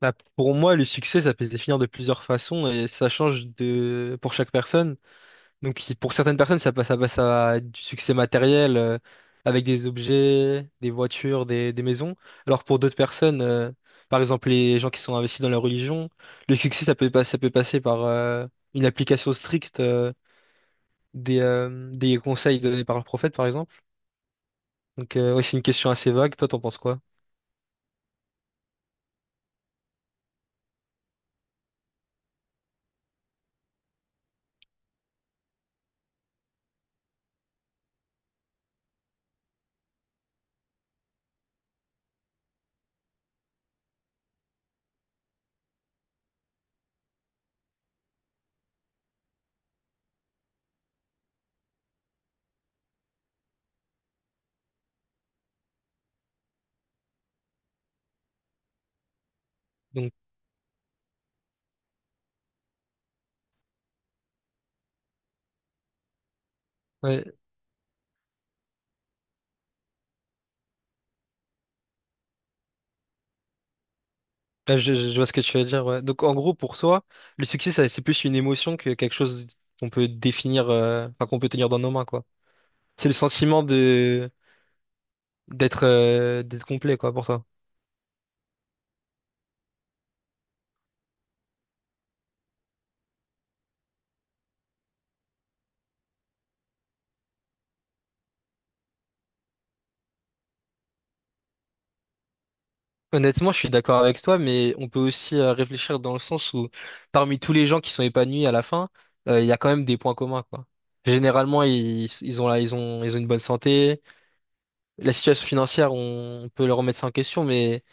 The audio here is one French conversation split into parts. Bah, pour moi, le succès, ça peut se définir de plusieurs façons et ça change de pour chaque personne. Donc, pour certaines personnes, ça passe à du succès matériel, avec des objets, des voitures, des maisons. Alors, pour d'autres personnes, par exemple, les gens qui sont investis dans la religion, le succès, ça peut, pas- ça peut passer par une application stricte, des conseils donnés par le prophète, par exemple. Donc, ouais, c'est une question assez vague. Toi, t'en penses quoi? Donc, ouais. Ah, vois ce que tu veux dire, ouais. Donc en gros, pour toi, le succès, c'est plus une émotion que quelque chose qu'on peut définir, enfin qu'on peut tenir dans nos mains, quoi. C'est le sentiment de d'être d'être complet, quoi, pour toi. Honnêtement, je suis d'accord avec toi, mais on peut aussi réfléchir dans le sens où parmi tous les gens qui sont épanouis à la fin, il y a quand même des points communs, quoi. Généralement, ils ont une bonne santé. La situation financière, on peut leur remettre ça en question, mais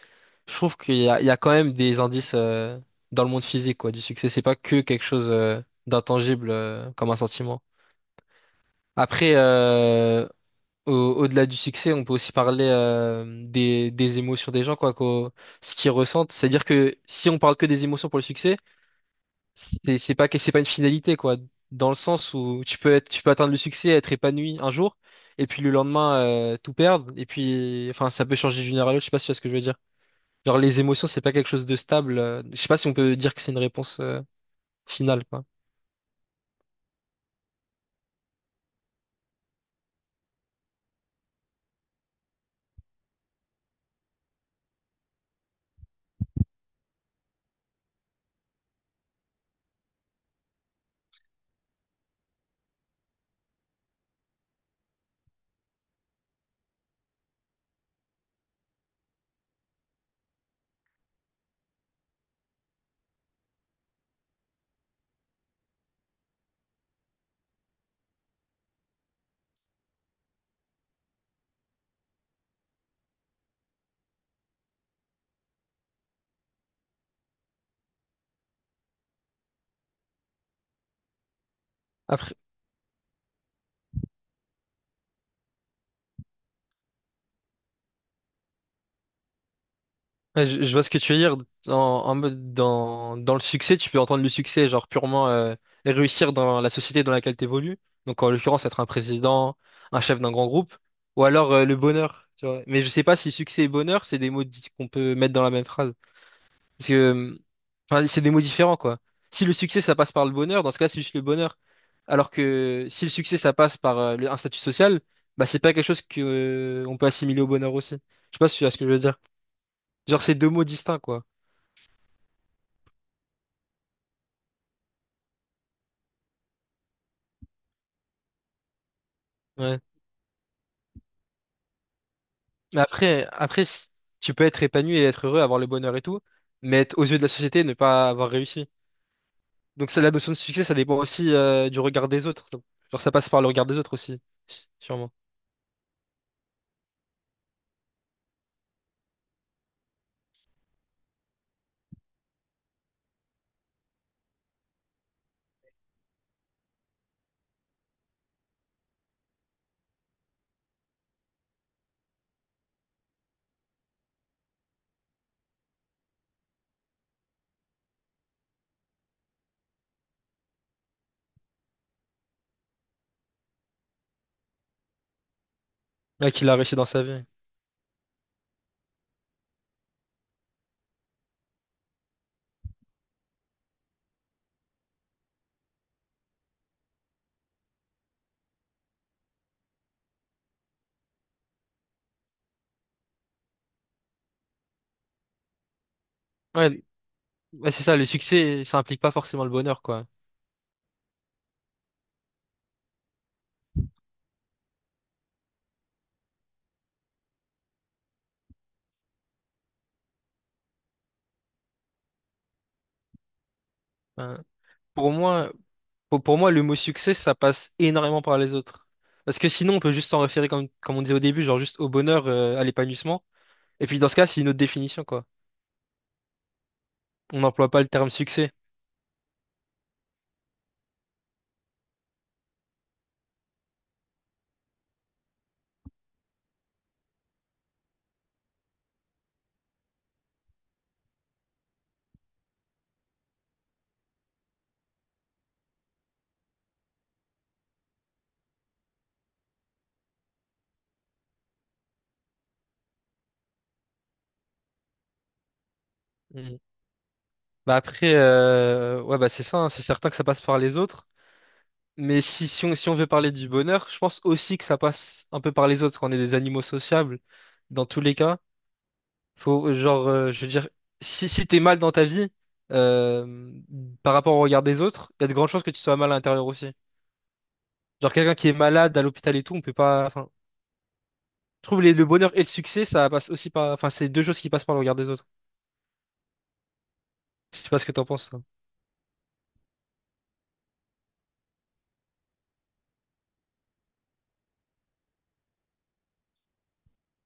je trouve qu'il y a quand même des indices, dans le monde physique quoi, du succès. C'est pas que quelque chose, d'intangible, comme un sentiment. Après, au-delà du succès, on peut aussi parler des émotions des gens, quoi, ce qu'ils ressentent. C'est-à-dire que si on parle que des émotions pour le succès, c'est pas une finalité, quoi. Dans le sens où tu peux atteindre le succès, être épanoui un jour, et puis le lendemain, tout perdre. Et puis, enfin, ça peut changer d'une heure à l'autre. Je sais pas si tu vois ce que je veux dire. Genre les émotions, c'est pas quelque chose de stable. Je sais pas si on peut dire que c'est une réponse, finale, quoi. Après, ouais, je vois ce que tu veux dire. En mode dans le succès, tu peux entendre le succès, genre purement, réussir dans la société dans laquelle tu évolues. Donc en l'occurrence, être un président, un chef d'un grand groupe, ou alors, le bonheur, tu vois. Mais je sais pas si succès et bonheur, c'est des mots dits- qu'on peut mettre dans la même phrase. Parce que, euh, enfin, c'est des mots différents, quoi. Si le succès, ça passe par le bonheur, dans ce cas, c'est juste le bonheur. Alors que si le succès, ça passe par un statut social, bah, c'est pas quelque chose que, on peut assimiler au bonheur aussi. Je sais pas si tu vois ce que je veux dire. Genre, c'est deux mots distincts, quoi. Ouais. Mais après, tu peux être épanoui et être heureux, avoir le bonheur et tout, mais être, aux yeux de la société, ne pas avoir réussi. Donc, ça, la notion de succès, ça dépend aussi, du regard des autres. Genre, ça passe par le regard des autres aussi, sûrement. Ouais, qu'il a réussi dans sa vie. Ouais. Ouais, c'est ça, le succès, ça implique pas forcément le bonheur, quoi. Hein. Pour moi, pour moi, le mot succès, ça passe énormément par les autres. Parce que sinon, on peut juste s'en référer, comme on disait au début, genre juste au bonheur, à l'épanouissement. Et puis dans ce cas, c'est une autre définition, quoi. On n'emploie pas le terme succès. Mm. Bah après, ouais, bah c'est ça, hein, c'est certain que ça passe par les autres. Mais si on veut parler du bonheur, je pense aussi que ça passe un peu par les autres, qu'on est des animaux sociables. Dans tous les cas, faut, genre, je veux dire, si t'es mal dans ta vie, euh, par rapport au regard des autres, il y a de grandes chances que tu sois mal à l'intérieur aussi. Genre, quelqu'un qui est malade à l'hôpital et tout, on peut pas. Enfin, je trouve le bonheur et le succès, ça passe aussi par. Enfin, c'est deux choses qui passent par le regard des autres. Je sais pas ce que t'en penses, toi.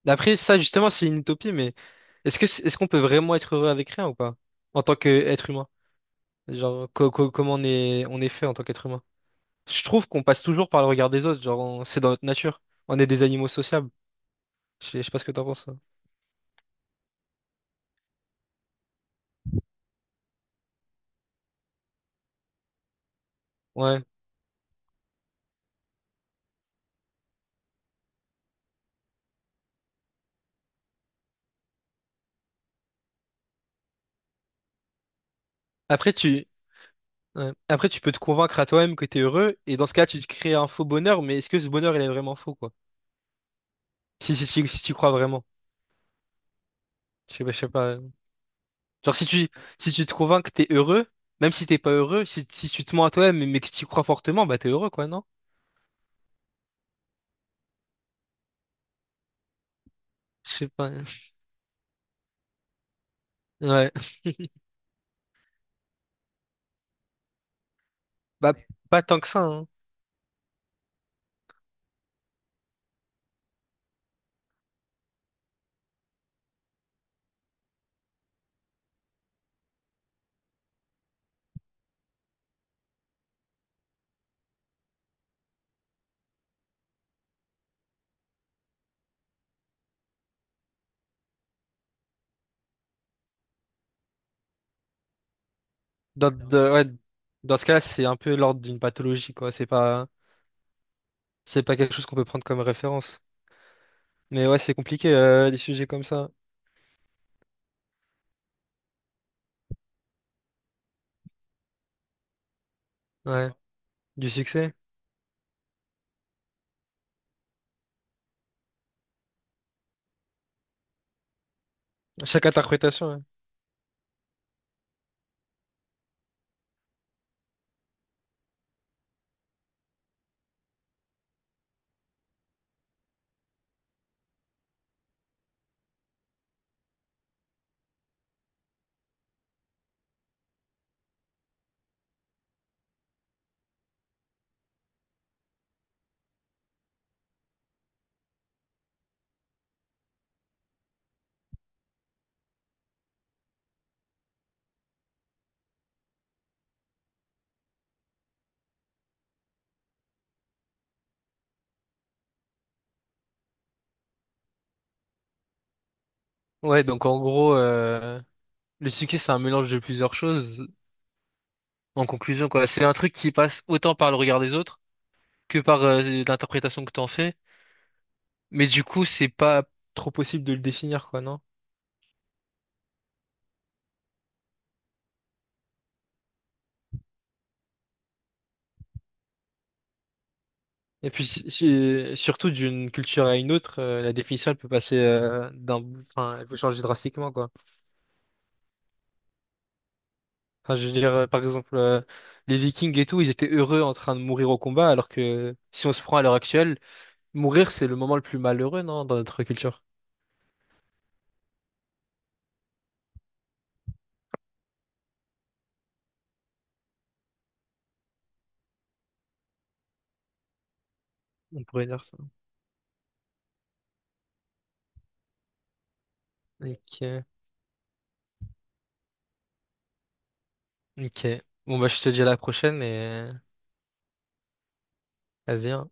Après, ça, justement, c'est une utopie, mais est-ce qu'on peut vraiment être heureux avec rien ou pas? En tant qu'être humain? Genre, on est fait en tant qu'être humain. Je trouve qu'on passe toujours par le regard des autres, genre, c'est dans notre nature. On est des animaux sociables. Je sais pas ce que t'en penses, hein. Ouais. Après, tu, ouais. Après, tu peux te convaincre à toi-même que t'es heureux, et dans ce cas, tu te crées un faux bonheur, mais est-ce que ce bonheur, il est vraiment faux, quoi? Si si tu crois vraiment. Je sais pas. Genre, si tu te convaincs que t'es heureux, même si t'es pas heureux, si tu te mens à toi-même, mais que tu y crois fortement, bah, t'es heureux, quoi, non? Je sais pas. Ouais. Bah, pas tant que ça, hein. Dans, de- ouais, dans ce cas-là, c'est un peu l'ordre d'une pathologie, quoi. C'est pas quelque chose qu'on peut prendre comme référence. Mais ouais, c'est compliqué, les sujets comme ça. Ouais, du succès. Chaque interprétation. Ouais. Ouais, donc en gros, le succès, c'est un mélange de plusieurs choses. En conclusion, quoi, c'est un truc qui passe autant par le regard des autres que par l'interprétation que t'en fais. Mais du coup, c'est pas trop possible de le définir, quoi, non? Et puis surtout d'une culture à une autre, la définition elle peut passer enfin, elle peut changer drastiquement, quoi. Enfin, je veux dire, par exemple, les Vikings et tout, ils étaient heureux en train de mourir au combat, alors que si on se prend à l'heure actuelle, mourir, c'est le moment le plus malheureux, non, dans notre culture. On pourrait dire ça. Ok. Ok. Bon, bah, je te dis à la prochaine et euh, vas-y, hein.